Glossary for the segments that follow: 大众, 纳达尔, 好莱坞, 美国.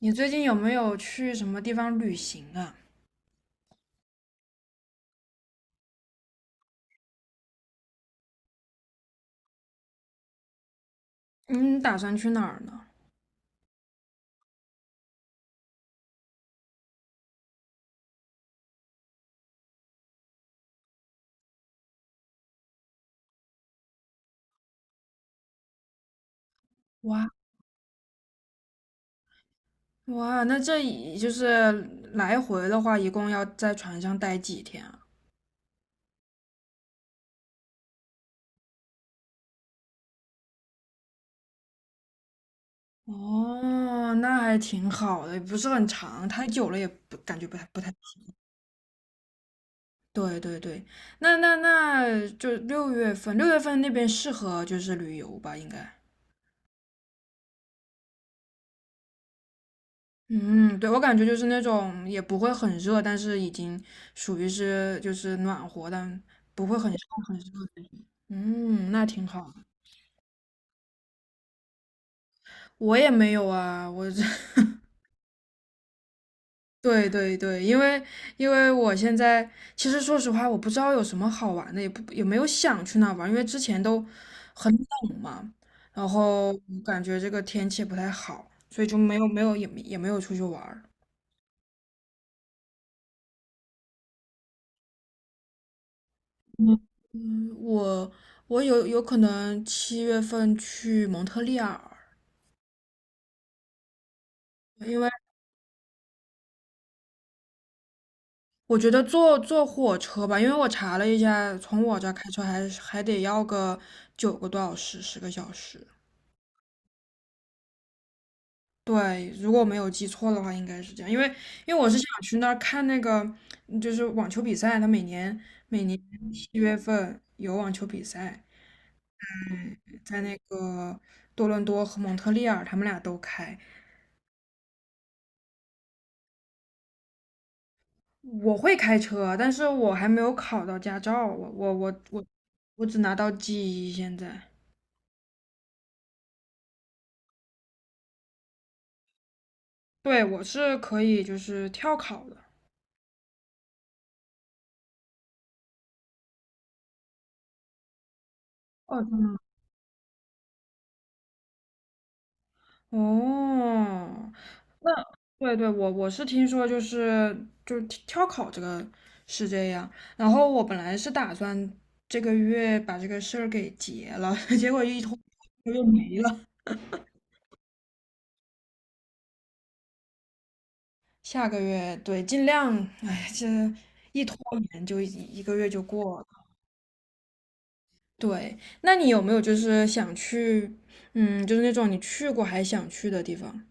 你最近有没有去什么地方旅行啊？嗯，打算去哪儿呢？哇哇，那就是来回的话，一共要在船上待几天啊？哦，那还挺好的，不是很长，太久了也不感觉不太。对对对，那就六月份，那边适合就是旅游吧，应该。嗯，对，我感觉就是那种也不会很热，但是已经属于是就是暖和，但不会很热很热的那种。嗯，那挺好。我也没有啊，我这，对对对，因为我现在其实说实话，我不知道有什么好玩的，也没有想去那玩，因为之前都很冷嘛，然后感觉这个天气不太好，所以就没有出去玩儿。嗯，我有可能七月份去蒙特利尔。因为我觉得坐火车吧，因为我查了一下，从我这儿开车还得要个9个多小时，10个小时。对，如果我没有记错的话，应该是这样。因为我是想去那儿看那个，嗯就是网球比赛，他每年七月份有网球比赛，嗯，在那个多伦多和蒙特利尔，他们俩都开。我会开车，但是我还没有考到驾照，我我只拿到 G1现在。对，我是可以就是跳考的。哦，真的。哦，那对对，我是听说就是跳考这个是这样，然后我本来是打算这个月把这个事儿给结了，结果一拖又没了。下个月对，尽量，哎，这一拖延就一个月就过了。对，那你有没有就是想去，嗯，就是那种你去过还想去的地方？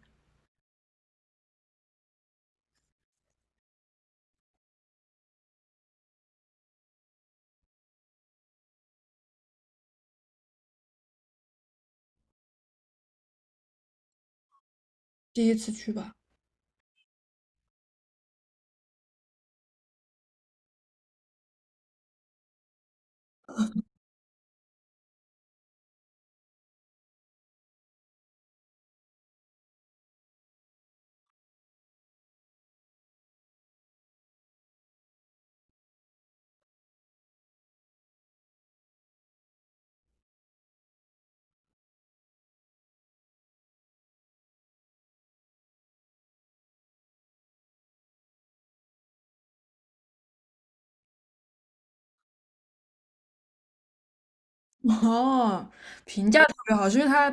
第一次去吧。哦，评价特别好，是因为它，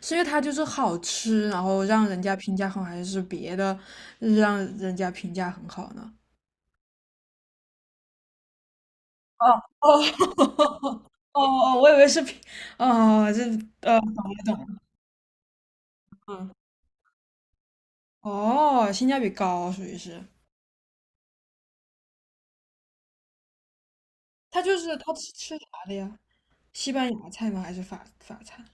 就是好吃，然后让人家评价很好，还是别的让人家评价很好呢？哦哦 哦哦，我以为是评，哦，懂了懂了，嗯，哦，性价比高，属于是。它就是它吃啥的呀？西班牙菜吗？还是法餐？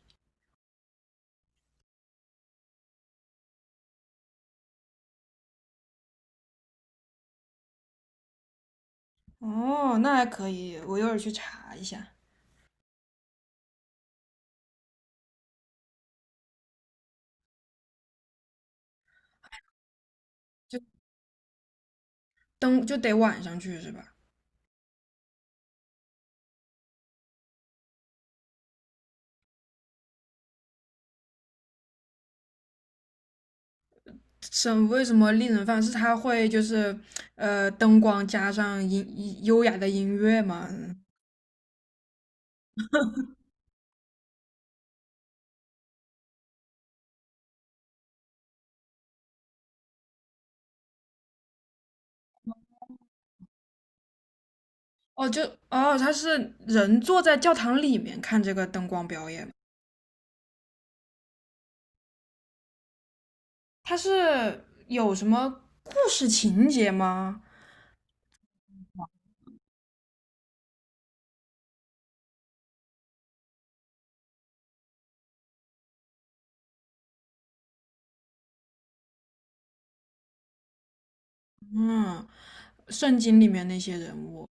哦，那还可以，我一会儿去查一下。灯就得晚上去是吧？省为什么令人放？是它会就是灯光加上优雅的音乐吗？嗯哦，哦，它是人坐在教堂里面看这个灯光表演，它是有什么故事情节吗？嗯，圣经里面那些人物。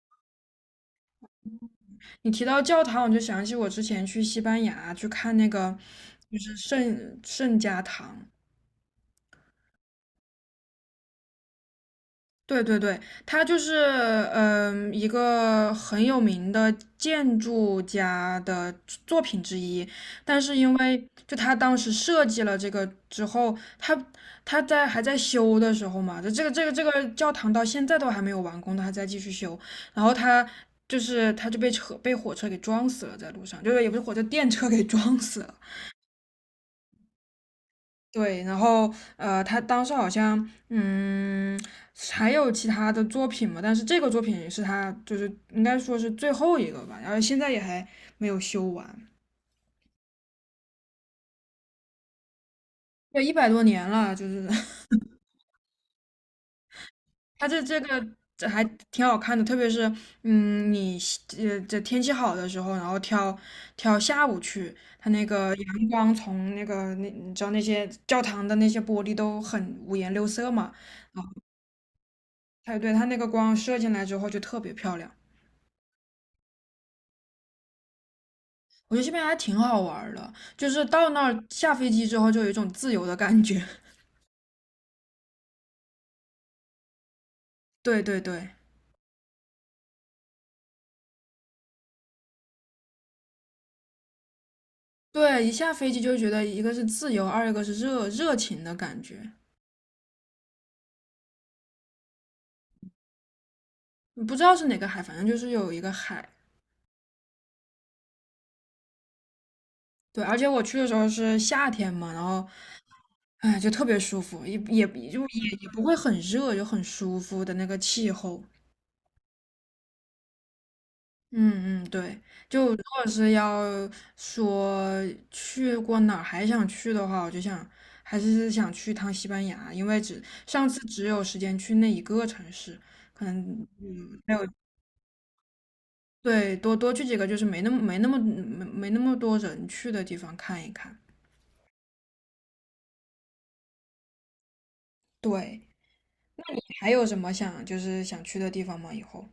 你提到教堂，我就想起我之前去西班牙去看那个就是圣家堂。对对对，他就是一个很有名的建筑家的作品之一，但是因为就他当时设计了这个之后，他在还在修的时候嘛，这个教堂到现在都还没有完工，他还在继续修，然后他就是他就被火车给撞死了，在路上，就是也不是火车电车给撞死了。对，然后他当时好像还有其他的作品嘛，但是这个作品是他就是应该说是最后一个吧，然后现在也还没有修完。对，100多年了，就是 他这个还挺好看的，特别是嗯，你这天气好的时候，然后挑挑下午去，它那个阳光从那个那你知道那些教堂的那些玻璃都很五颜六色嘛，啊，它那个光射进来之后就特别漂亮。我觉得这边还挺好玩儿的，就是到那儿下飞机之后就有一种自由的感觉。对对对对，一下飞机就觉得一个是自由，二一个是热情的感觉。不知道是哪个海，反正就是有一个海。对，而且我去的时候是夏天嘛，然后哎就特别舒服，也也就也也不会很热，就很舒服的那个气候。嗯嗯，对，就如果是要说去过哪儿还想去的话，我就想还是想去趟西班牙，因为上次只有时间去那一个城市，可能没有，对，多多去几个就是没那么多人去的地方看一看。对，还有什么就是想去的地方吗？以后？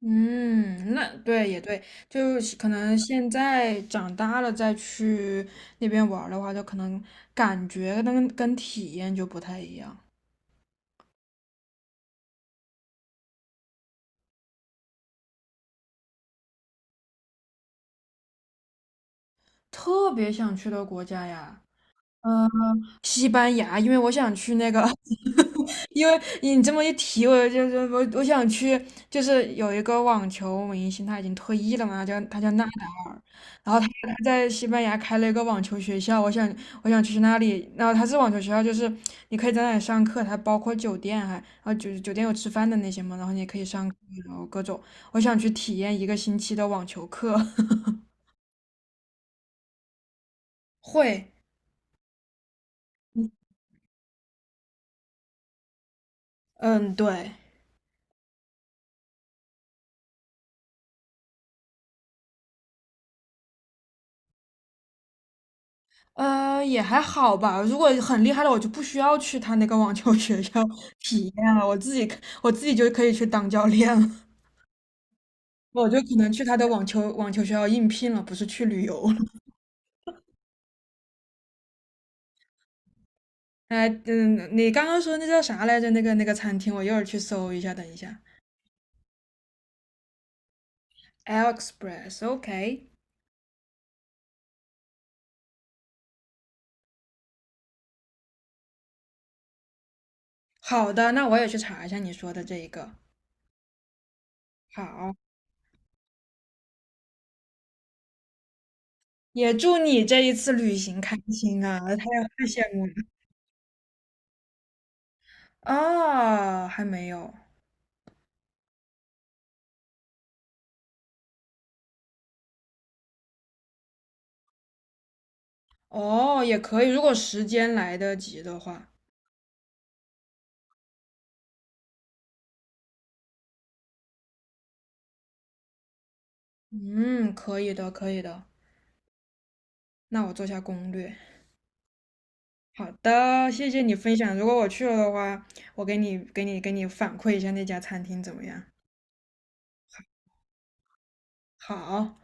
嗯，那对也对，就是可能现在长大了再去那边玩儿的话，就可能感觉跟体验就不太一样。特别想去的国家呀，嗯，西班牙，因为我想去那个 因为你这么一提，我就是我想去，就是有一个网球明星，他已经退役了嘛，他叫纳达尔，然后他在西班牙开了一个网球学校，我想去那里，然后他是网球学校，就是你可以在那里上课，它包括酒店还，然后酒店有吃饭的那些嘛，然后你也可以上课然后各种，我想去体验一个星期的网球课。会，嗯，对。也还好吧。如果很厉害的，我就不需要去他那个网球学校 体验了，我自己就可以去当教练了。我就可能去他的网球学校应聘了，不是去旅游了。哎，嗯，你刚刚说那叫啥来着？那个餐厅，我一会儿去搜一下。等一下，AliExpress，OK，好的，那我也去查一下你说的这一个。好，也祝你这一次旅行开心啊！太羡慕了。啊，还没有。哦，也可以，如果时间来得及的话，嗯，可以的，可以的。那我做下攻略。好的，谢谢你分享。如果我去了的话，我给你反馈一下那家餐厅怎么样？好，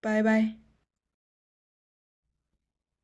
拜拜。